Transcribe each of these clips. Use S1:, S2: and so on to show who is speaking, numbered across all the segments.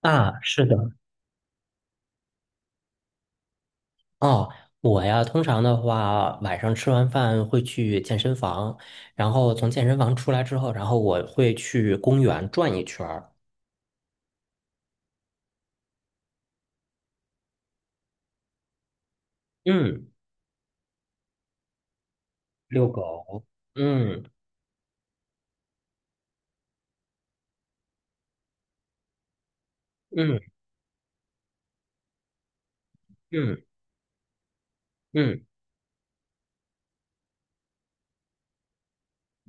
S1: 啊，是的，哦，我呀，通常的话，晚上吃完饭会去健身房，然后从健身房出来之后，然后我会去公园转一圈儿。嗯，遛狗，嗯嗯嗯嗯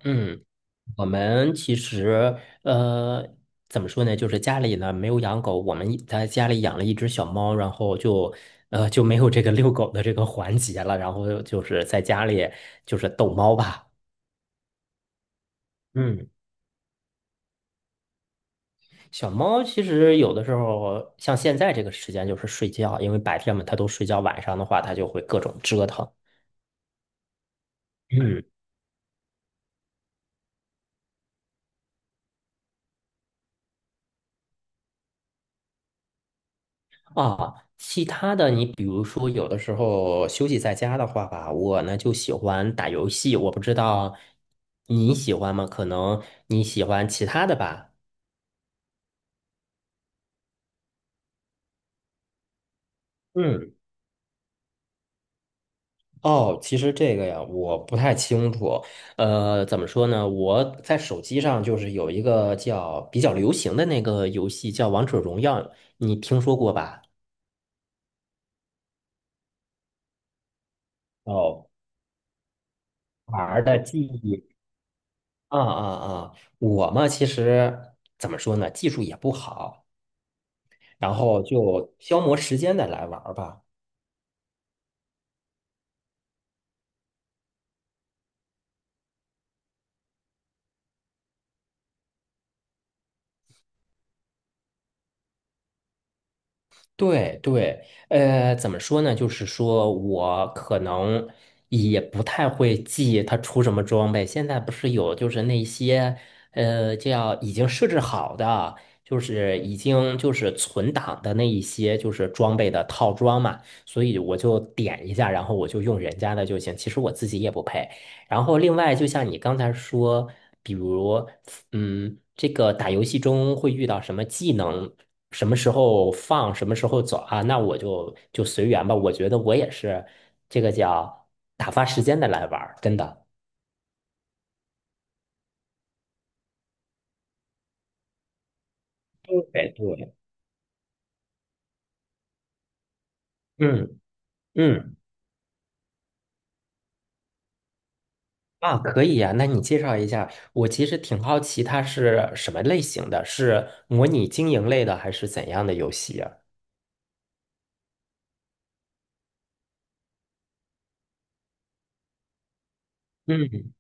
S1: 嗯。我们其实呃，怎么说呢，就是家里呢没有养狗，我们在家里养了一只小猫，然后就没有这个遛狗的这个环节了，然后就是在家里就是逗猫吧。嗯。小猫其实有的时候，像现在这个时间就是睡觉，因为白天嘛它都睡觉，晚上的话它就会各种折腾。嗯。 啊，其他的你比如说有的时候休息在家的话吧，我呢就喜欢打游戏，我不知道你喜欢吗？可能你喜欢其他的吧。嗯。哦，其实这个呀，我不太清楚。怎么说呢？我在手机上就是有一个叫比较流行的那个游戏，叫《王者荣耀》，你听说过吧？哦，玩儿的技艺啊啊啊！我嘛，其实怎么说呢，技术也不好，然后就消磨时间的来玩儿吧。对对。怎么说呢？就是说我可能也不太会记它出什么装备。现在不是有就是那些叫已经设置好的，就是已经就是存档的那一些就是装备的套装嘛，所以我就点一下，然后我就用人家的就行。其实我自己也不配。然后另外，就像你刚才说，比如这个打游戏中会遇到什么技能？什么时候放，什么时候走啊？那我就随缘吧。我觉得我也是这个叫打发时间的来玩儿，真的。对对，嗯嗯，啊，可以呀，那你介绍一下，我其实挺好奇它是什么类型的，是模拟经营类的还是怎样的游戏啊？嗯，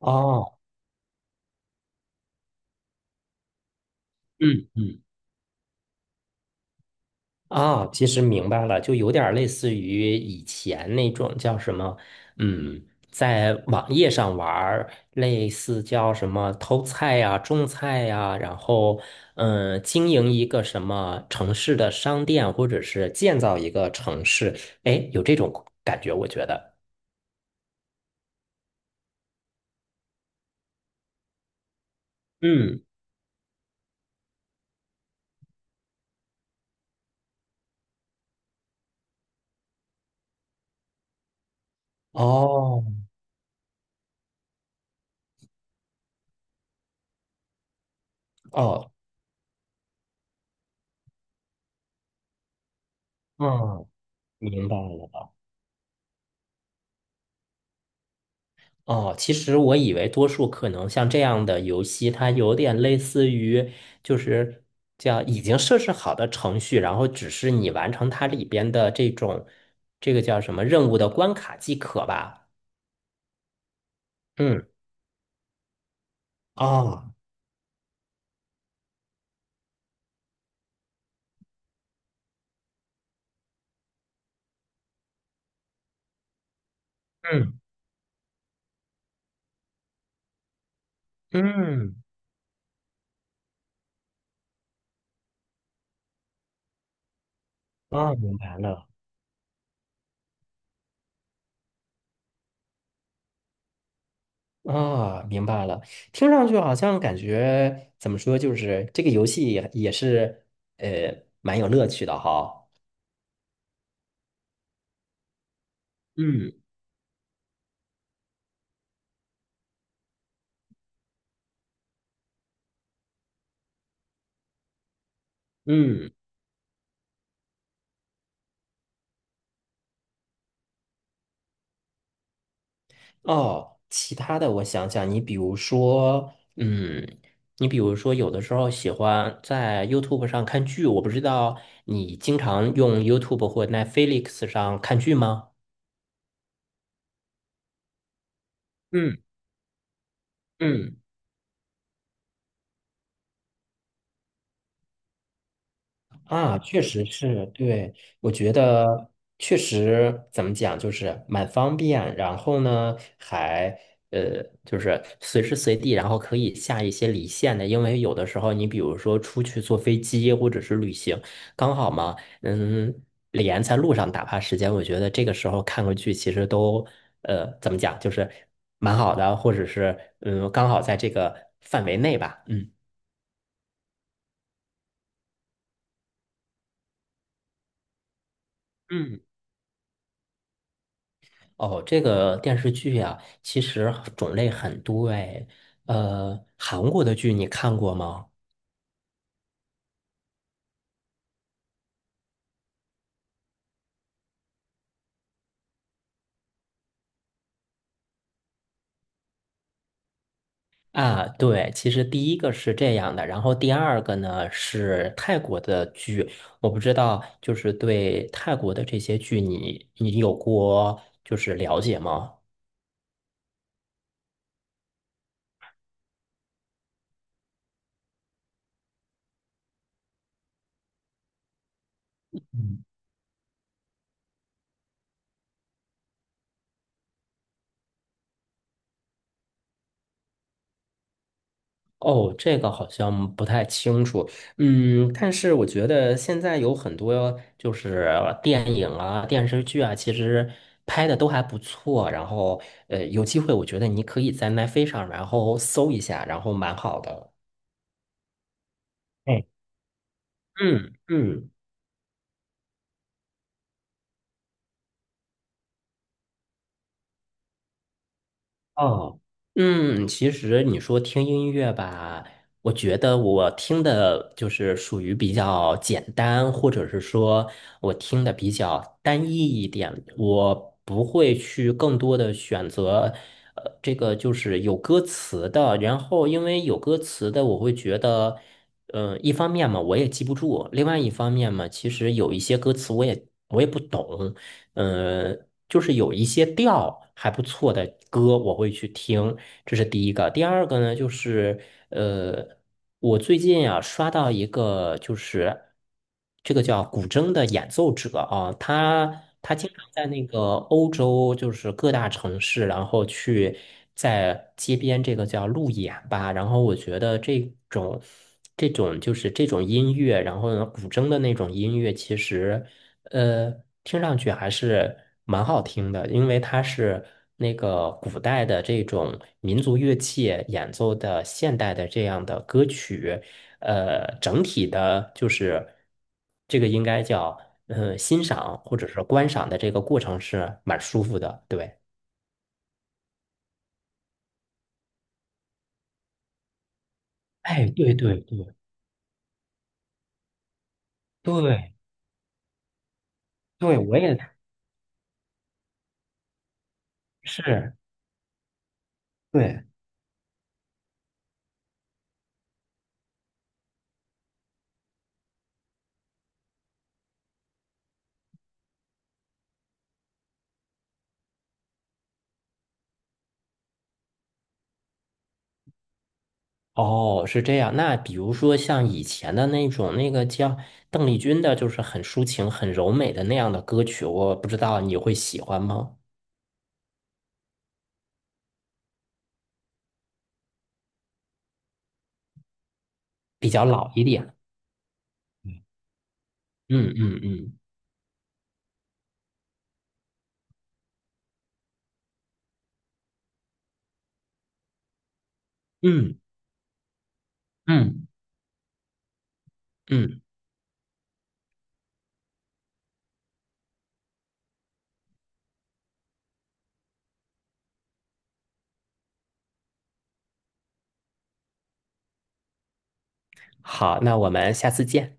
S1: 哦，嗯嗯，啊，其实明白了，就有点儿类似于以前那种叫什么，嗯，在网页上玩儿类似叫什么偷菜呀、种菜呀，然后嗯，经营一个什么城市的商店，或者是建造一个城市，哎，有这种感觉，我觉得。嗯。哦。哦，嗯，明白了。哦，其实我以为多数可能像这样的游戏，它有点类似于就是叫已经设置好的程序，然后只是你完成它里边的这种这个叫什么任务的关卡即可吧。嗯，啊，嗯嗯，啊，明白了。啊，明白了。听上去好像感觉怎么说，就是这个游戏也是蛮有乐趣的哈。嗯嗯。哦，其他的我想想，你比如说，嗯，你比如说，有的时候喜欢在 YouTube 上看剧，我不知道你经常用 YouTube 或 Netflix 上看剧吗？嗯嗯。啊，确实是，对，我觉得确实怎么讲，就是蛮方便，然后呢，还就是随时随地，然后可以下一些离线的，因为有的时候你比如说出去坐飞机或者是旅行，刚好嘛，嗯，连在路上打发时间，我觉得这个时候看个剧其实都怎么讲，就是蛮好的，或者是嗯，刚好在这个范围内吧。嗯。嗯，哦，这个电视剧呀，其实种类很多哎。韩国的剧你看过吗？啊，对，其实第一个是这样的，然后第二个呢是泰国的剧，我不知道，就是对泰国的这些剧你，你有过就是了解吗？哦，这个好像不太清楚，嗯，但是我觉得现在有很多就是电影啊、电视剧啊，其实拍的都还不错。然后，有机会我觉得你可以在奈飞上，然后搜一下，然后蛮好的。哎，嗯嗯。哦，嗯，其实你说听音乐吧，我觉得我听的就是属于比较简单，或者是说我听的比较单一一点，我不会去更多的选择，这个就是有歌词的。然后因为有歌词的，我会觉得，嗯，一方面嘛，我也记不住；另外一方面嘛，其实有一些歌词我也不懂。呃，就是有一些调还不错的歌，我会去听，这是第一个。第二个呢，就是呃，我最近啊刷到一个，就是这个叫古筝的演奏者啊，他经常在那个欧洲，就是各大城市，然后去在街边这个叫路演吧。然后我觉得种这种音乐，然后呢古筝的那种音乐，其实。呃，听上去还是蛮好听的，因为它是那个古代的这种民族乐器演奏的现代的这样的歌曲。整体的就是这个应该叫欣赏或者是观赏的这个过程是蛮舒服的，对。哎，对对对对对，我也是，对。哦，是这样。那比如说像以前的那种，那个叫邓丽君的，就是很抒情、很柔美的那样的歌曲，我不知道你会喜欢吗？比较老一点。嗯嗯嗯嗯嗯嗯。好，那我们下次见。